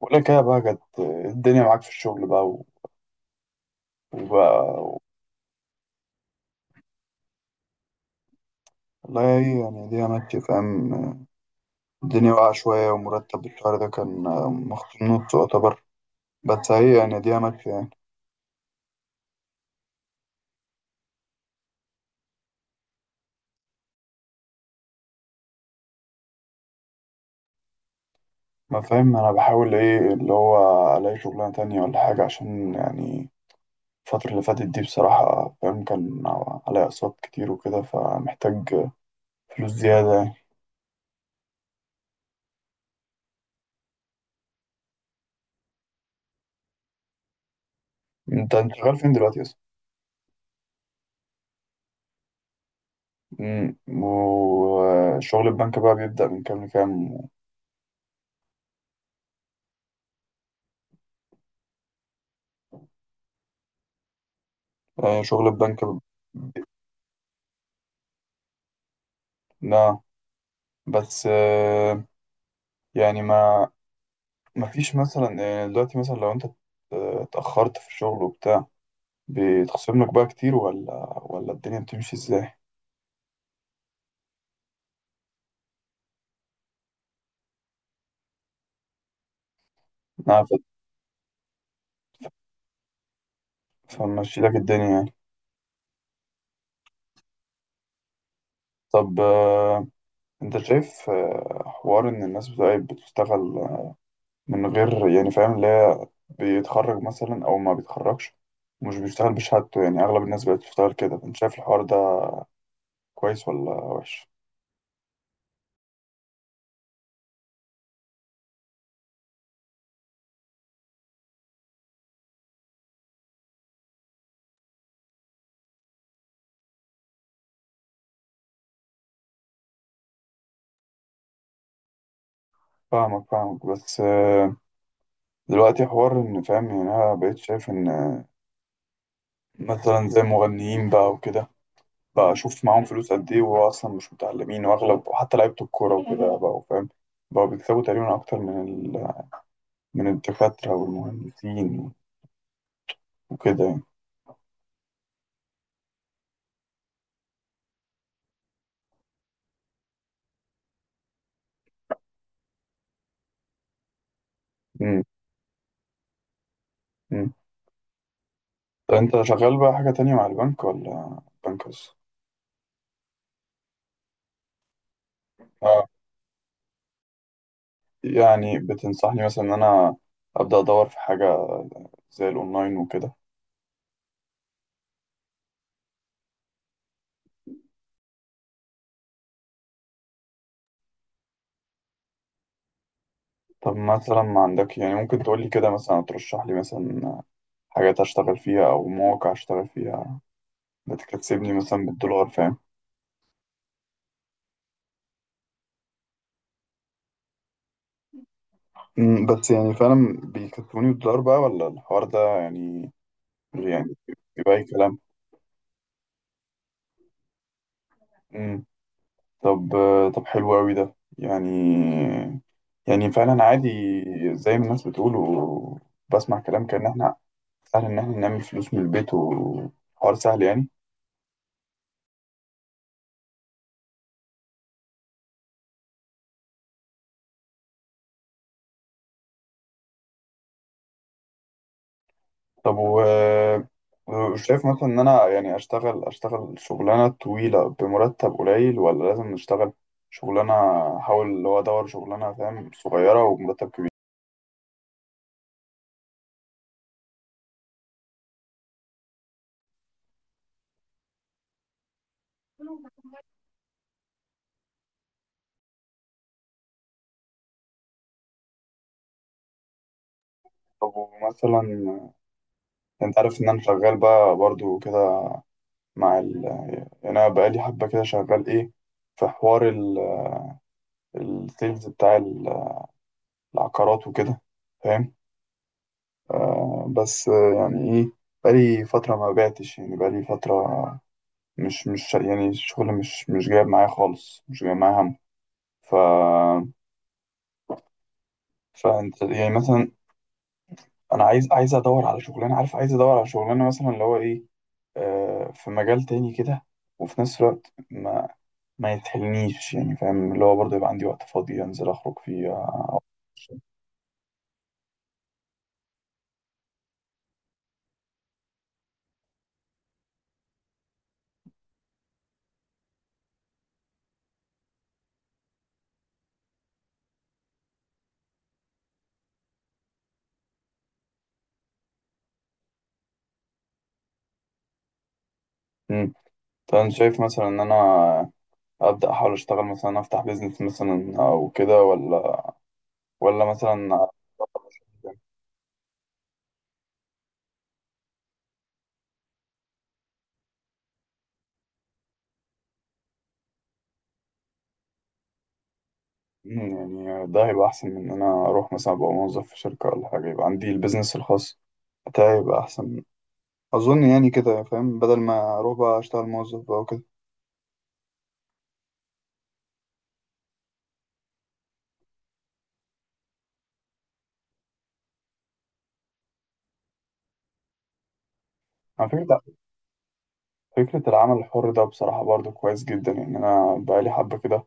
ولك يا بقى جت الدنيا معاك في الشغل بقى وبقى والله هي يعني دي ماشية، فاهم؟ الدنيا واقعة شوية، ومرتب الشهر ده كان مخصوم نص يعتبر، بس هي يعني دي ماشية يعني. ما فاهم أنا بحاول إيه اللي هو ألاقي شغلانة تانية ولا حاجة، عشان يعني الفترة اللي فاتت دي بصراحة، فاهم، كان عليا أقساط كتير وكده، فمحتاج فلوس زيادة يعني. أنت شغال فين دلوقتي أصلا؟ وشغل البنك بقى بيبدأ من كام لكام؟ شغل البنك. لا بس يعني ما فيش مثلا. دلوقتي مثلا لو انت اتأخرت في الشغل وبتاع، بيتخصم لك بقى كتير ولا ولا الدنيا بتمشي ازاي؟ نعم. فمشي لك الدنيا يعني. طب انت شايف حوار ان الناس بتبقى بتشتغل من غير يعني فاهم اللي هي بيتخرج مثلا او ما بيتخرجش ومش بيشتغل بشهادته، يعني اغلب الناس بقت بتشتغل كده، انت شايف الحوار ده كويس ولا وحش؟ فاهمك فاهمك، بس دلوقتي حوار ان فاهم، يعني انا بقيت شايف ان مثلا زي المغنيين بقى وكده، بقى اشوف معاهم فلوس قد ايه وهو اصلا مش متعلمين، واغلب وحتى لعيبه الكوره وكده بقى، فاهم، بقوا بيكسبوا تقريبا اكتر من ال... من الدكاتره والمهندسين وكده يعني. امم امم. طب انت شغال بقى حاجه تانية مع البنك ولا بنك بس؟ اه، يعني بتنصحني مثلا ان انا ابدا ادور في حاجه زي الاونلاين وكده؟ طب مثلا ما عندك، يعني ممكن تقولي كده مثلا، ترشح لي مثلا حاجات أشتغل فيها أو مواقع أشتغل فيها بتكسبني مثلا بالدولار، فاهم؟ بس يعني فعلا بيكسبوني بالدولار بقى ولا الحوار ده يعني يعني بيبقى أي كلام؟ أمم، طب طب حلو أوي ده يعني، يعني فعلا عادي زي ما الناس بتقول وبسمع كلام، كأن إحنا سهل إن إحنا نعمل فلوس من البيت وحوار سهل يعني. طب و شايف مثلا ان انا يعني اشتغل شغلانه طويله بمرتب قليل، ولا لازم نشتغل شغلانه احاول اللي هو ادور شغلانه فاهم صغيره ومرتب كبير؟ طب مثلا انت عارف ان انا شغال بقى برضو كده مع يعني انا بقالي حبه كده شغال ايه، في حوار السيلز بتاع العقارات وكده، فاهم؟ آه بس يعني ايه، بقالي فتره ما بعتش، يعني بقالي فتره مش يعني الشغل مش جايب معايا خالص، مش جايب معايا هم. ف فانت يعني مثلا، انا عايز ادور على شغلانه، عارف، عايز ادور على شغلانه مثلا اللي هو ايه، في مجال تاني كده، وفي نفس الوقت ما يتحلنيش يعني فاهم اللي هو برضه يبقى عندي وقت فاضي انزل اخرج فيه. امم. فانا شايف مثلا ان انا ابدا احاول اشتغل، مثلا افتح بيزنس مثلا او كده، ولا ولا مثلا، يعني ده هيبقى أحسن من إن أنا أروح مثلا أبقى موظف في شركة ولا حاجة، يبقى عندي البيزنس الخاص بتاعي يبقى أحسن، أظن يعني كده، فاهم، بدل ما أروح بقى أشتغل موظف بقى وكده. على فكرة، فكرة العمل الحر ده بصراحة برضو كويس جدا يعني، أنا بقالي حبة كده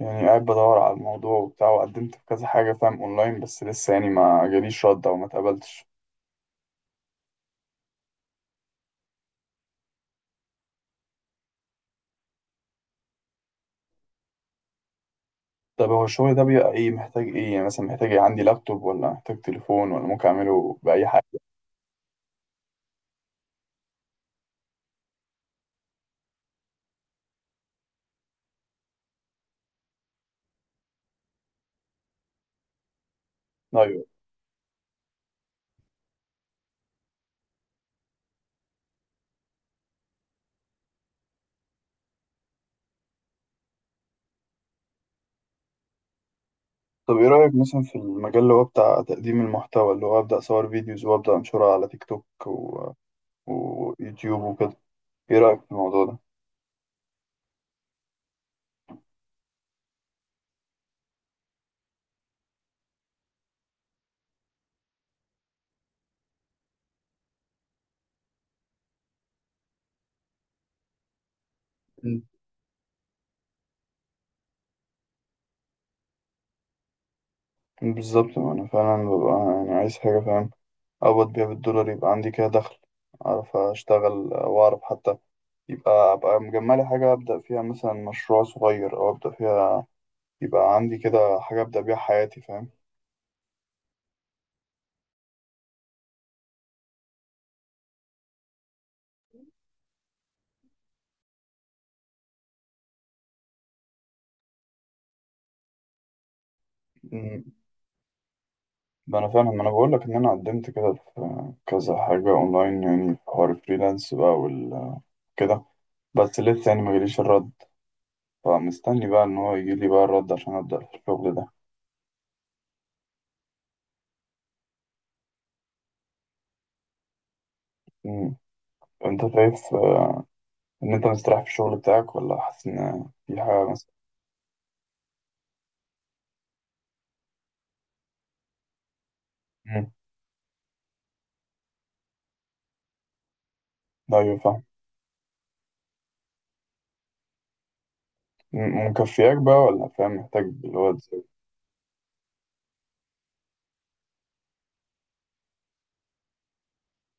يعني قاعد بدور على الموضوع وبتاع، وقدمت في كذا حاجة، فاهم، أونلاين، بس لسه يعني ما جاليش رد أو ما اتقبلتش. طب هو الشغل ده بيبقى إيه، محتاج إيه يعني، مثلا محتاج إيه، عندي لابتوب ولا محتاج تليفون ولا ممكن أعمله بأي حاجة؟ طيب. طب ايه رأيك مثلا في المجال اللي هو بتاع تقديم المحتوى، اللي هو أبدأ أصور فيديوز وأبدأ أنشرها على تيك توك ويوتيوب وكده، ايه رأيك في الموضوع ده؟ مم. بالظبط، ما أنا فعلا ببقى يعني عايز حاجة، فاهم، أقبض بيها بالدولار، يبقى عندي كده دخل أعرف أشتغل وأعرف حتى يبقى أبقى مجملي حاجة أبدأ فيها مثلا مشروع صغير، أو أبدأ فيها يبقى عندي كده حاجة أبدأ بيها حياتي، فاهم؟ أمم، ما أنا فاهم، ما أنا بقول لك إن أنا قدمت كده في كذا حاجة أونلاين، يعني في حوار الفريلانس بقى وال كده، بس لسه يعني ما جاليش الرد، فمستني بقى ان هو يجيلي بقى الرد عشان ابدا في الشغل ده. مم. انت شايف ان انت مستريح في الشغل بتاعك ولا حاسس ان في حاجه مثلا؟ مم. ايوه فاهم. مم، مكفياك بقى ولا فاهم محتاج اللي هو تزود؟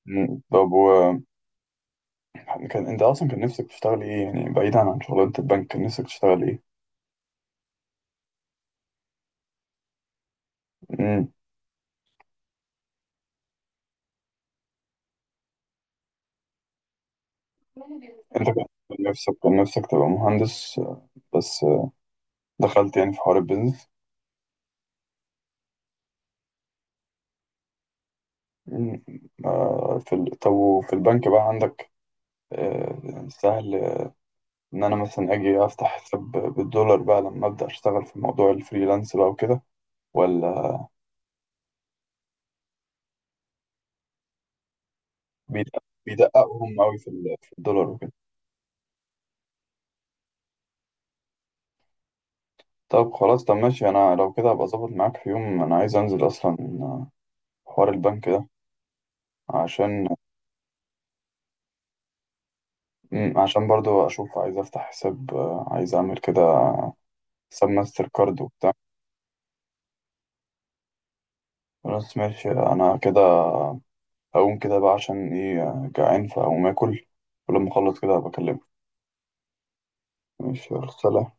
مم. طب و كان انت اصلا كان نفسك تشتغل ايه يعني، بعيدا عن شغلانه البنك كان نفسك تشتغل ايه؟ مم. انت كان نفسك كان نفسك تبقى مهندس، بس دخلت يعني في حوار البيزنس. مم. في طب وفي البنك بقى عندك سهل إن أنا مثلا أجي أفتح حساب بالدولار بقى لما أبدأ أشتغل في موضوع الفريلانس بقى وكده ولا؟ بيدققوا هم أوي في في الدولار وكده؟ طب خلاص، طب ماشي، أنا لو كده هبقى أظبط معاك في يوم، أنا عايز أنزل أصلا آه، حوار البنك ده عشان، مم، عشان برضو أشوف عايز أفتح حساب، عايز أعمل كده حساب ماستر كارد وبتاع. خلاص ماشي، أنا كده هقوم كده بقى، عشان إيه، جعان، فهقوم آكل ولما أخلص كده هبقى أكلمك. ماشي يلا، سلام.